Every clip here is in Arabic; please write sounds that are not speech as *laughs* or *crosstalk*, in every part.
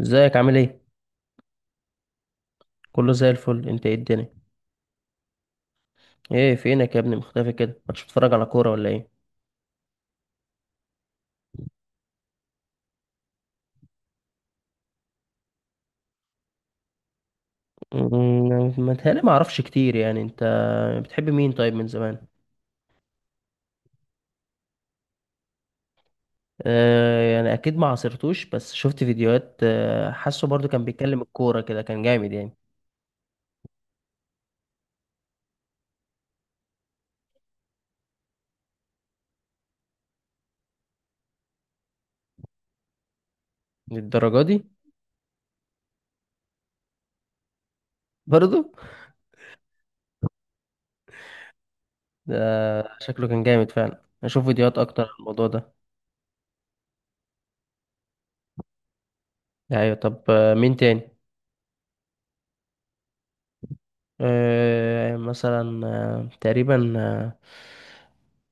ازيك عامل ايه؟ كله زي الفل، انت ايه الدنيا؟ ايه فينك يا ابني مختفي كده؟ مش بتتفرج على كوره ولا ايه؟ متهيألي ما اعرفش كتير. يعني انت بتحب مين طيب من زمان؟ يعني اكيد ما عاصرتوش بس شفت فيديوهات. حاسه برضو كان بيتكلم الكوره كده كان جامد يعني. للدرجه دي؟ برضو. ده شكله كان جامد فعلا، اشوف فيديوهات اكتر عن الموضوع ده. ايوه، طب مين تاني؟ آه مثلا آه تقريبا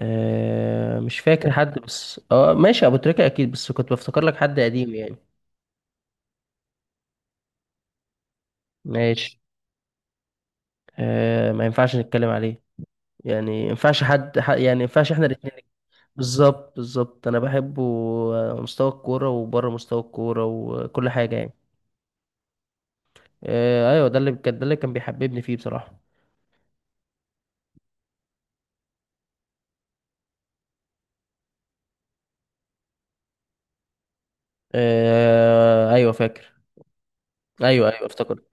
آه مش فاكر حد، بس ماشي، ابو تريكة اكيد، بس كنت بفتكر لك حد قديم يعني. ماشي. ما ينفعش نتكلم عليه. يعني ما ينفعش حد ح- يعني ما ينفعش احنا الاثنين. بالظبط بالظبط، انا بحبه. مستوى الكورة وبره مستوى الكورة وكل حاجة يعني. ايوه، ده اللي كان بيحببني فيه بصراحة. ايوه فاكر. ايوه ايوه افتكرت.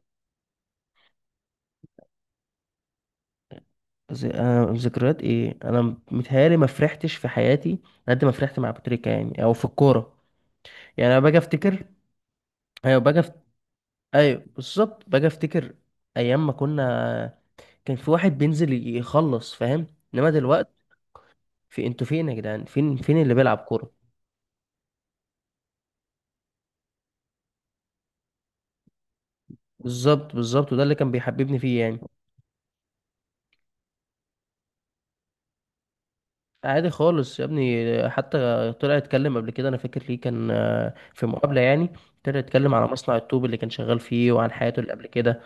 انا ذكريات ايه؟ انا متهيالي ما فرحتش في حياتي قد ما فرحت مع ابو تريكة يعني او في الكورة. يعني انا باجي افتكر. ايوه باجي ايوه بالظبط، باجي افتكر ايام ما كنا، كان في واحد بينزل يخلص، فاهم؟ انما دلوقتي، في انتوا فين يا جدعان؟ فين فين اللي بيلعب كوره؟ بالظبط بالظبط، وده اللي كان بيحببني فيه يعني. عادي خالص يا ابني، حتى طلع اتكلم قبل كده، انا فاكر ليه، كان في مقابله يعني. طلع اتكلم على مصنع الطوب اللي كان شغال فيه وعن حياته اللي قبل كده.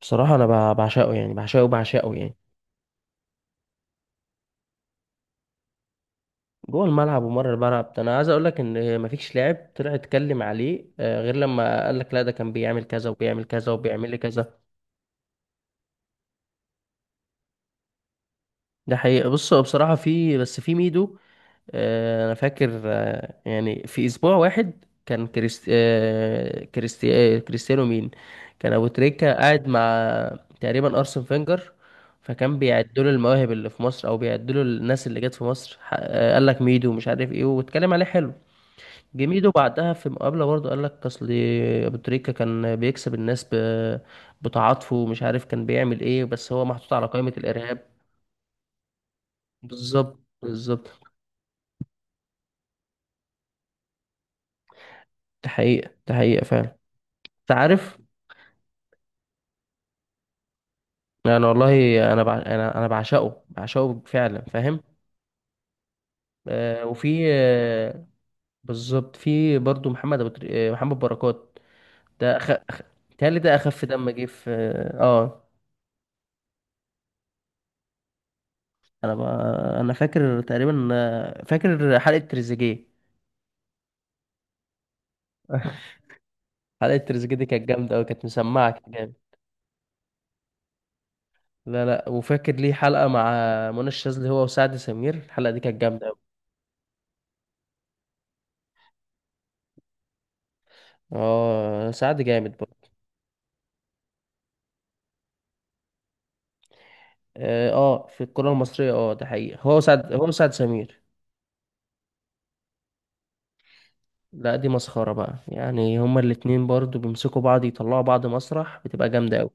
بصراحه انا بعشقه يعني، بعشقه بعشقه يعني. جوه الملعب ومره الملعب، ده انا عايز اقول لك ان مفيش لاعب طلع اتكلم عليه غير لما قال لك لا، ده كان بيعمل كذا وبيعمل كذا وبيعمل لي كذا. ده حقيقة. بص هو بصراحة في، بس في ميدو. انا فاكر، يعني في اسبوع واحد كان كريستيانو مين. كان ابو تريكة قاعد مع تقريبا ارسن فينجر، فكان بيعدوا له المواهب اللي في مصر او بيعدوا له الناس اللي جت في مصر، قال لك ميدو مش عارف ايه واتكلم عليه حلو. جميدو بعدها في مقابلة برضه قال لك أصل أبو تريكة كان بيكسب الناس بتعاطفه ومش عارف كان بيعمل إيه، بس هو محطوط على قائمة الإرهاب. بالظبط بالظبط. دي حقيقة، دي حقيقة فعلا. أنت عارف، يعني والله، أنا بع... أنا أنا بعشقه بعشقه فعلا، فاهم؟ آه وفي آه بالظبط، في برضه محمد أبو تري... آه، محمد بركات. ده تهيألي ده أخف دم جه في. أنا ب... أنا فاكر تقريبا، فاكر حلقة تريزيجيه. حلقة تريزيجيه دي كانت جامدة أوي، كانت مسمعة كده جامد. لا لا. وفاكر ليه حلقة مع منى الشاذلي هو وسعد سمير، الحلقة دي كانت جامدة أوي. اه سعد جامد برضه. في الكرة المصرية، ده حقيقة، هو سعد سمير. لا دي مسخرة بقى، يعني هما الاتنين برضه بيمسكوا بعض، يطلعوا بعض مسرح، بتبقى جامدة أوي.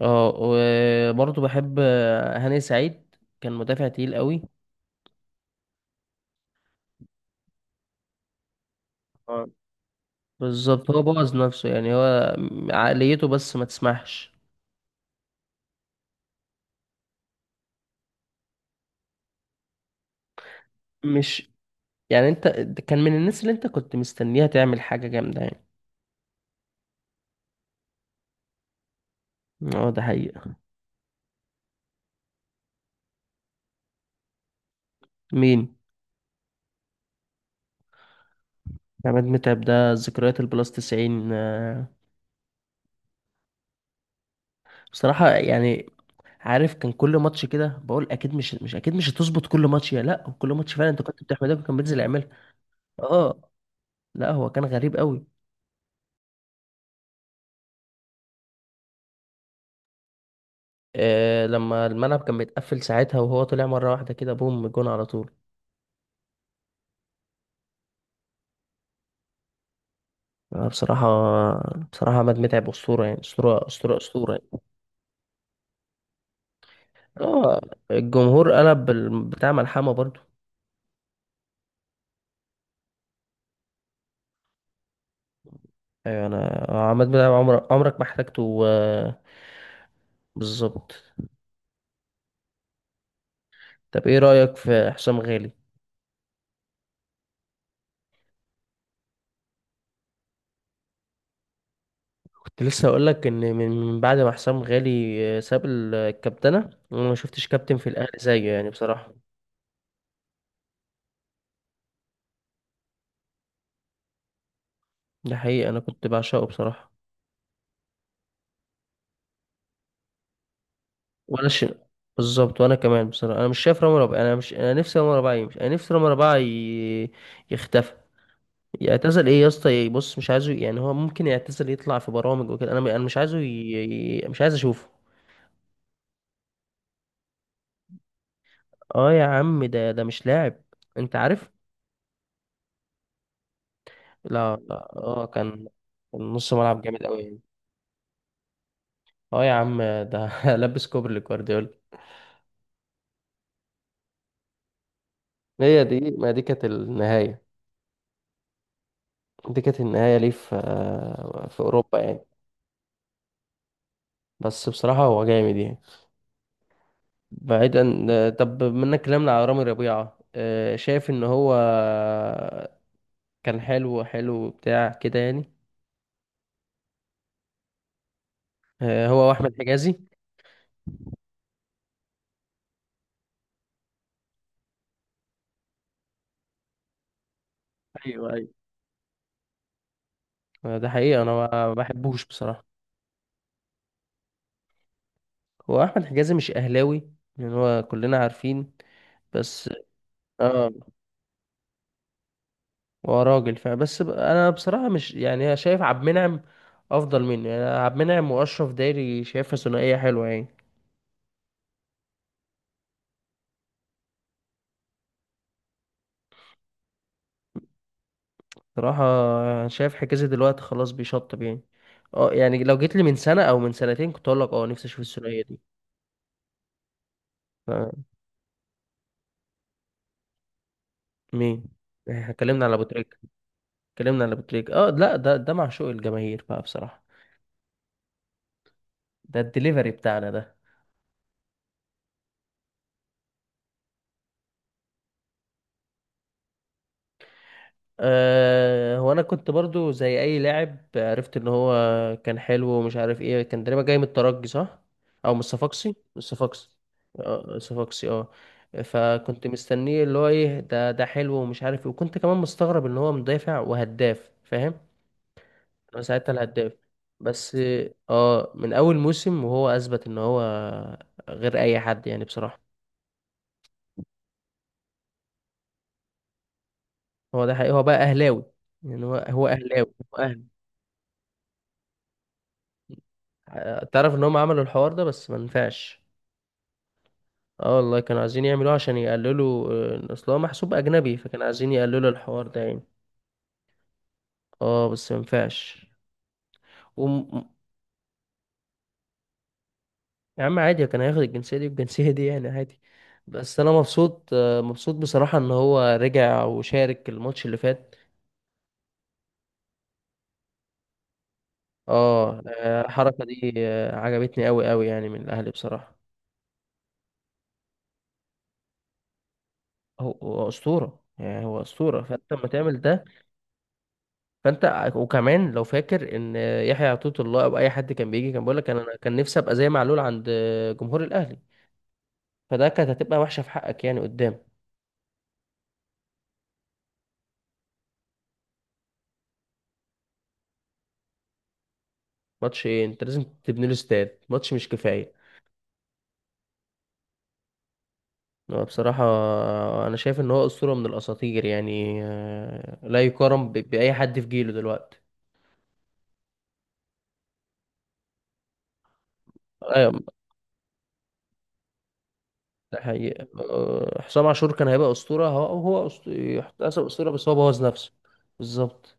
اه وبرضه بحب هاني سعيد، كان مدافع تقيل أوي. اه بالظبط، هو بوظ نفسه يعني، هو عقليته بس ما تسمحش. مش، يعني انت، كان من الناس اللي انت كنت مستنيها تعمل حاجة جامدة يعني. اه ده حقيقة. مين؟ عماد متعب، ده ذكريات البلاس 90 . بصراحة يعني، عارف كان كل ماتش كده بقول اكيد مش مش اكيد مش هتظبط، كل ماتش يا لا كل ماتش فعلا، انت كنت بتحمدك وكان بينزل يعملها. اه لا، هو كان غريب قوي. لما الملعب كان بيتقفل ساعتها، وهو طلع مرة واحدة كده بوم جون على طول. بصراحة، بصراحة عماد متعب أسطورة يعني، أسطورة أسطورة أسطورة. اه الجمهور قلب بتاع ملحمة برضو. ايوه، انا عماد متعب عمرك عمرك ما احتاجته. بالظبط. طب ايه رأيك في حسام غالي؟ كنت لسه اقول لك ان من بعد ما حسام غالي ساب الكابتنة، وانا ما شفتش كابتن في الاهلي زيه يعني بصراحة. ده حقيقي، انا كنت بعشقه بصراحة. ولا ش... بالظبط، وانا كمان بصراحة انا مش شايف رامي ربيعة، انا مش، انا نفسي رامي ربيعة يمشي، انا نفسي رامي ربيعة يختفي. يعتزل؟ ايه يا اسطى يعني، بص مش عايزه يعني، هو ممكن يعتزل يطلع في برامج وكده، انا مش عايزه مش عايز اشوفه. اه يا عم، ده مش لاعب. انت عارف. لا لا، كان نص ملعب جامد قوي يعني. اه يا عم ده *laughs* لبس كوبري لجوارديولا. هي دي، ما دي كانت النهاية. دي كانت النهاية ليه؟ في أوروبا يعني. بس بصراحة هو جامد يعني. بعيدا طب منك كلامنا على رامي ربيعة، شايف إن هو كان حلو، حلو بتاع كده يعني. هو واحمد حجازي. ايوه ايوه. ده حقيقة، انا ما بحبوش بصراحة. هو احمد حجازي مش اهلاوي، لان هو كلنا عارفين، بس. اه هو راجل فعلا، بس انا بصراحة مش يعني، أنا شايف عبد المنعم افضل منه يعني. عبد المنعم واشرف دايري، شايفها ثنائية حلوة يعني. بصراحة أنا شايف حجازي دلوقتي خلاص بيشطب يعني. اه يعني لو جيت لي من سنة او من سنتين، كنت اقول لك نفسي اشوف الثنائية دي. ف- مين؟ احنا اتكلمنا على ابو تريكة، اتكلمنا على ابو تريكة. اه لا، ده معشوق الجماهير بقى بصراحة. ده الدليفري بتاعنا ده. هو انا كنت برضو زي اي لاعب، عرفت ان هو كان حلو ومش عارف ايه، كان تقريبا جاي من الترجي صح؟ او من الصفاقسي، من الصفاقسي. اه الصفاقسي اه. فكنت مستنيه اللي هو ايه، ده حلو ومش عارف ايه، وكنت كمان مستغرب ان هو مدافع وهداف، فاهم؟ انا ساعتها الهداف بس. اه من اول موسم وهو اثبت ان هو غير اي حد يعني بصراحة. هو ده حقيقي، هو بقى اهلاوي يعني، هو اهلاوي، هو أهلي. تعرف ان هم عملوا الحوار ده بس ما نفعش. اه والله كانوا عايزين يعملوه عشان يقللوا، اصل هو محسوب اجنبي، فكانوا عايزين يقللوا الحوار ده يعني. اه بس ما ينفعش. وم... يا عم عادي، كان هياخد الجنسية دي والجنسية دي يعني عادي. بس انا مبسوط، مبسوط بصراحة ان هو رجع وشارك الماتش اللي فات. الحركة دي عجبتني قوي قوي يعني من الاهلي بصراحة. هو اسطورة يعني، هو اسطورة، فانت لما تعمل ده. فانت وكمان لو فاكر ان يحيى عطية الله او اي حد كان بيجي كان بيقول لك انا كان نفسي ابقى زي معلول عند جمهور الاهلي. فده كانت هتبقى وحشه في حقك يعني، قدام. ماتش ايه؟ انت لازم تبني له استاد، ماتش مش كفايه. هو بصراحه انا شايف ان هو اسطوره من الاساطير يعني، لا يقارن باي حد في جيله دلوقتي. ايوه ده حقيقة، حسام عاشور كان هيبقى اسطوره، هو يحتسب اسطوره، بس هو بوظ نفسه. بالظبط.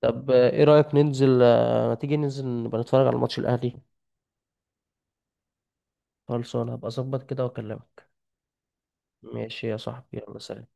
طب ايه رأيك ننزل، ما تيجي ننزل نبقى نتفرج على ماتش الأهلي. خلصان، هبقى اظبط كده واكلمك. ماشي يا صاحبي، يلا سلام.